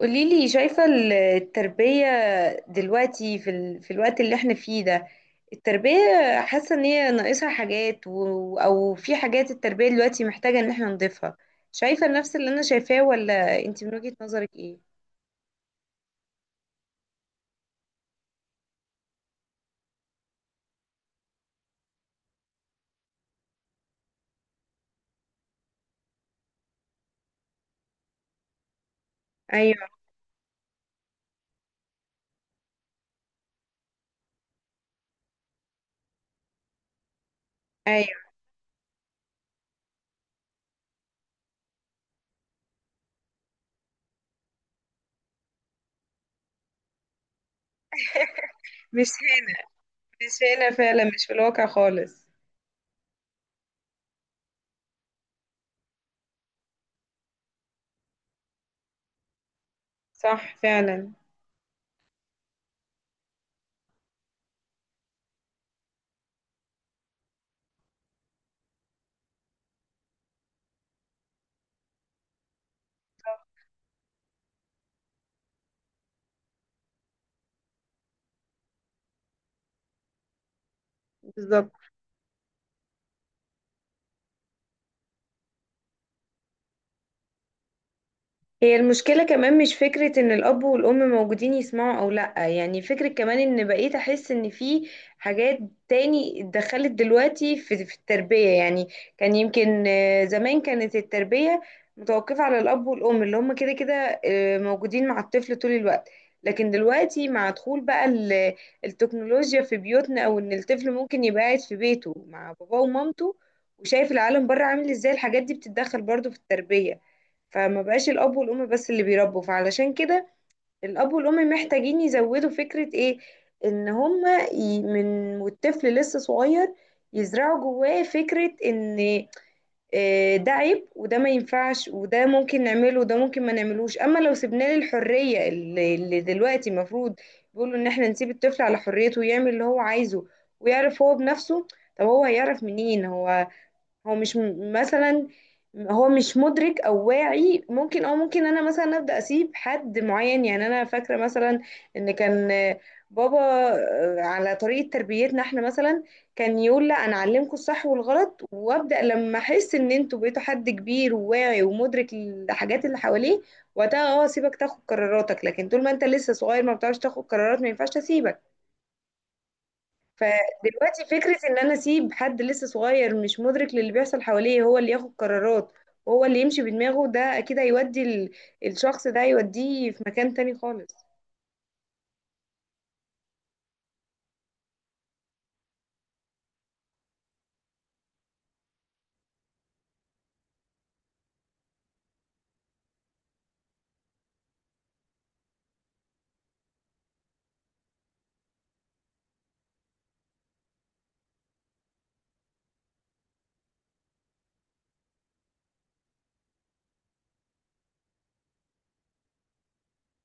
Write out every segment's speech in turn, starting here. قوليلي شايفة التربية دلوقتي في الوقت اللي احنا فيه ده. التربية، حاسة ان هي ناقصها حاجات او في حاجات التربية دلوقتي محتاجة ان احنا نضيفها. شايفة نفس اللي انا شايفاه ولا انت من وجهة نظرك ايه؟ ايوه. ايوه. مش هنا. مش هنا فعلا، مش في الواقع خالص. صح فعلا. بالظبط. هي المشكلة كمان مش فكرة ان الاب والام موجودين يسمعوا او لا، يعني فكرة كمان ان بقيت احس ان في حاجات تاني اتدخلت دلوقتي في التربية. يعني كان يمكن زمان كانت التربية متوقفة على الاب والام اللي هم كده كده موجودين مع الطفل طول الوقت. لكن دلوقتي مع دخول بقى التكنولوجيا في بيوتنا، او ان الطفل ممكن يبقى قاعد في بيته مع باباه ومامته وشايف العالم بره عامل ازاي الحاجات دي بتتدخل برضو في التربية. فما بقاش الاب والام بس اللي بيربوا، فعلشان كده الاب والام محتاجين يزودوا فكرة ايه، ان هما من والطفل لسه صغير يزرعوا جواه فكرة ان ده عيب وده ما ينفعش وده ممكن نعمله وده ممكن ما نعملوش. اما لو سيبنا له الحرية اللي دلوقتي المفروض بيقولوا ان احنا نسيب الطفل على حريته ويعمل اللي هو عايزه ويعرف هو بنفسه. طب هو هيعرف منين؟ هو مش م- مثلا هو مش مدرك او واعي. ممكن، او ممكن انا مثلا ابدا اسيب حد معين، يعني انا فاكره مثلا ان كان بابا على طريقه تربيتنا احنا مثلا كان يقول لا انا اعلمكم الصح والغلط، وابدا لما احس ان انتوا بقيتوا حد كبير وواعي ومدرك الحاجات اللي حواليه وقتها اسيبك تاخد قراراتك. لكن طول ما انت لسه صغير ما بتعرفش تاخد قرارات، ما ينفعش اسيبك. فدلوقتي فكرة ان انا اسيب حد لسه صغير مش مدرك للي بيحصل حواليه هو اللي ياخد قرارات وهو اللي يمشي بدماغه، ده اكيد هيودي الشخص ده هيوديه في مكان تاني خالص.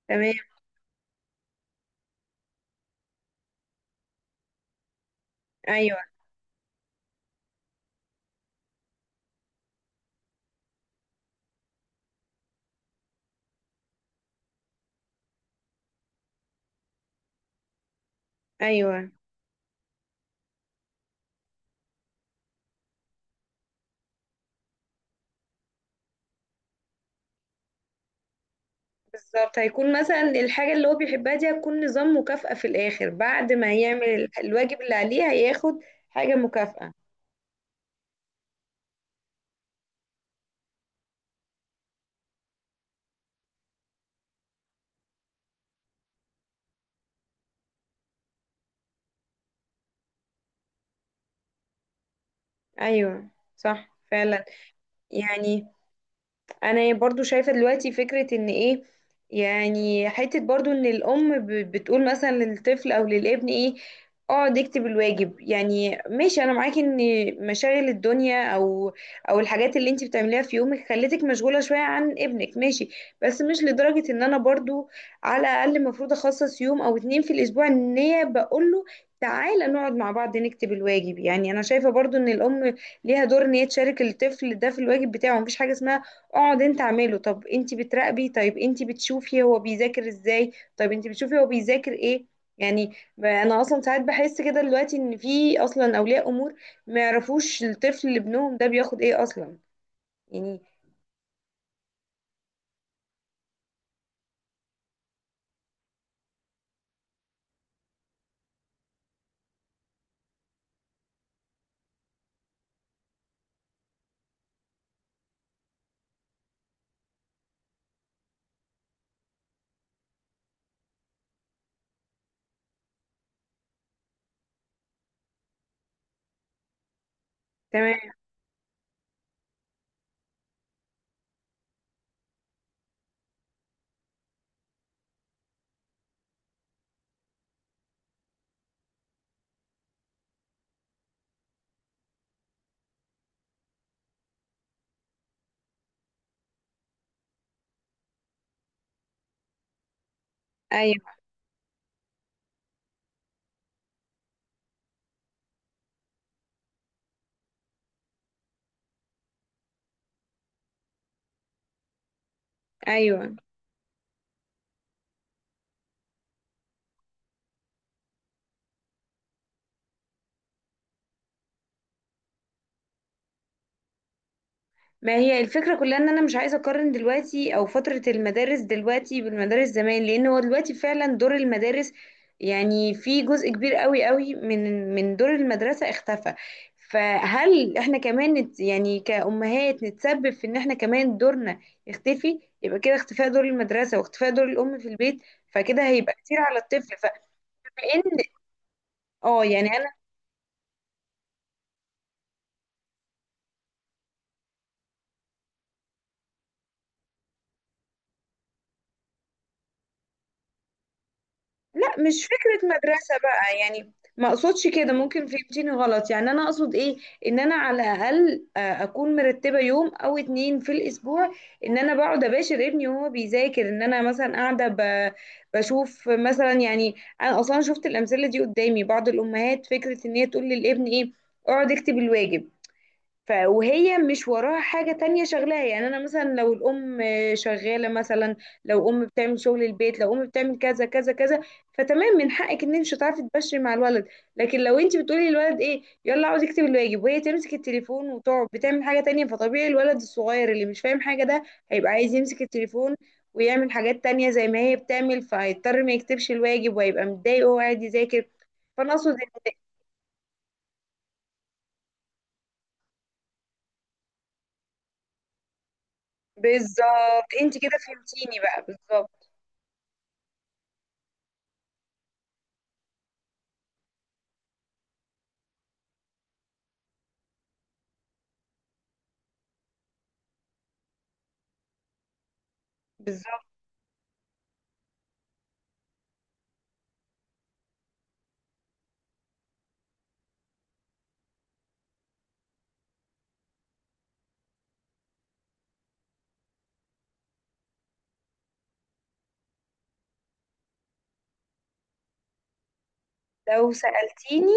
تمام. ايوه. ايوه. بالظبط، هيكون مثلا الحاجة اللي هو بيحبها دي هتكون نظام مكافأة في الاخر، بعد ما هيعمل الواجب اللي عليه هياخد حاجة مكافأة. ايوه. صح فعلا. يعني انا برضو شايفة دلوقتي فكرة ان ايه، يعني حتة برضو ان الام بتقول مثلا للطفل او للابن ايه، اقعد اكتب الواجب. يعني ماشي، انا معاكي ان مشاغل الدنيا او الحاجات اللي انت بتعمليها في يومك خلتك مشغولة شوية عن ابنك، ماشي. بس مش لدرجة ان انا برضو، على الاقل المفروض اخصص يوم او اتنين في الاسبوع ان هي بقول له تعالى نقعد مع بعض نكتب الواجب. يعني انا شايفة برضو ان الام ليها دور ان هي تشارك الطفل ده في الواجب بتاعه. مفيش حاجة اسمها اقعد انت اعمله. طب انت بتراقبي؟ طيب انت بتشوفي هو بيذاكر ازاي؟ طيب انت بتشوفي هو بيذاكر ايه؟ يعني، انا اصلا ساعات بحس كده دلوقتي ان في اصلا اولياء امور ما يعرفوش الطفل اللي ابنهم ده بياخد ايه اصلا، يعني. تمام. ايوه. ايوه. ما هي الفكرة كلها ان انا مش عايزة اقارن دلوقتي او فترة المدارس دلوقتي بالمدارس زمان، لان هو دلوقتي فعلا دور المدارس، يعني في جزء كبير قوي قوي من دور المدرسة اختفى. فهل احنا كمان نت يعني كأمهات نتسبب في ان احنا كمان دورنا يختفي؟ يبقى كده اختفاء دور المدرسة واختفاء دور الام في البيت، فكده هيبقى كتير على الطفل. فبما ان اه يعني، لا مش فكرة مدرسة بقى، يعني ما اقصدش كده. ممكن فهمتيني غلط. يعني انا اقصد ايه، ان انا على الاقل اكون مرتبة يوم او اتنين في الاسبوع ان انا بقعد اباشر ابني وهو بيذاكر، ان انا مثلا قاعدة بشوف مثلا. يعني انا اصلا شفت الامثلة دي قدامي، بعض الامهات فكرة ان هي تقول للابن ايه، اقعد اكتب الواجب. ف وهي مش وراها حاجة تانية شغلاها. يعني أنا مثلا لو الأم شغالة مثلا، لو أم بتعمل شغل البيت، لو أم بتعمل كذا كذا كذا، فتمام، من حقك إن أنت مش هتعرفي تبشري مع الولد. لكن لو أنت بتقولي للولد إيه، يلا عاوز يكتب الواجب، وهي تمسك التليفون وتقعد بتعمل حاجة تانية، فطبيعي الولد الصغير اللي مش فاهم حاجة ده هيبقى عايز يمسك التليفون ويعمل حاجات تانية زي ما هي بتعمل. فهيضطر ما يكتبش الواجب وهيبقى متضايق وهو قاعد يذاكر. فأنا أقصد إن. بالظبط، أنت كده فهمتيني بقى، بالظبط. بالظبط. لو سألتيني،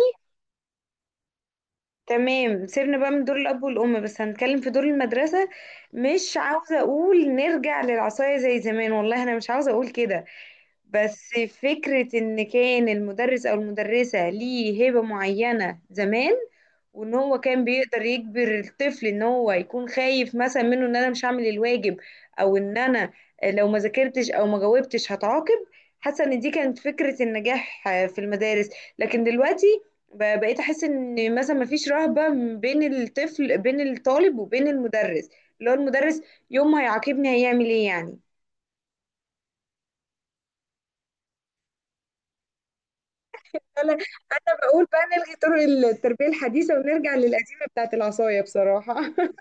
تمام، سيبنا بقى من دور الأب والأم، بس هنتكلم في دور المدرسة. مش عاوزة أقول نرجع للعصاية زي زمان، والله أنا مش عاوزة أقول كده. بس فكرة إن كان المدرس أو المدرسة ليه هيبة معينة زمان، وان هو كان بيقدر يجبر الطفل ان هو يكون خايف مثلا منه ان انا مش هعمل الواجب، او ان انا لو ما ذاكرتش او ما جاوبتش هتعاقب. حاسه ان دي كانت فكره النجاح في المدارس. لكن دلوقتي بقيت احس ان مثلا ما فيش رهبه بين الطفل، بين الطالب وبين المدرس، اللي هو المدرس يوم ما هيعاقبني هيعمل ايه يعني؟ انا بقول بقى نلغي طرق التربيه الحديثه ونرجع للقديمه بتاعت العصايه بصراحه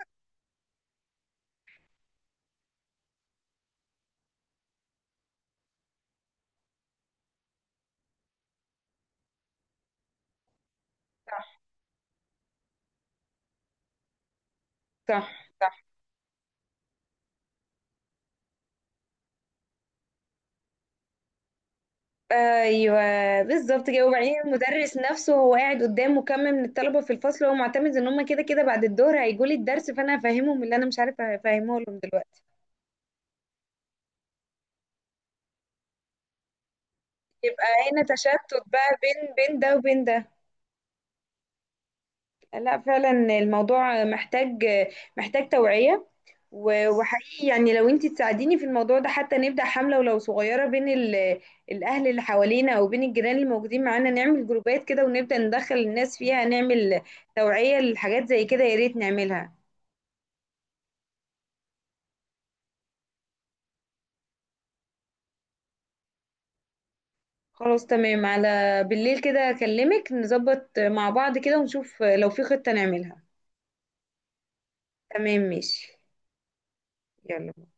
صح. صح. ايوه، بالظبط كده. وبعدين المدرس نفسه هو قاعد قدام مكمل من الطلبه في الفصل وهو معتمد ان هم كده كده بعد الظهر هيجوا لي الدرس، فانا هفهمهم اللي انا مش عارفه افهمه لهم دلوقتي. يبقى هنا تشتت بقى بين ده وبين ده. لا فعلا الموضوع محتاج توعية. وحقيقي يعني لو انتي تساعديني في الموضوع ده حتى نبدأ حملة ولو صغيرة بين الأهل اللي حوالينا أو بين الجيران اللي موجودين معانا، نعمل جروبات كده ونبدأ ندخل الناس فيها، نعمل توعية لحاجات زي كده، يا ريت نعملها. خلاص تمام، على بالليل كده أكلمك نظبط مع بعض كده ونشوف لو في خطة نعملها. تمام، ماشي. يلا.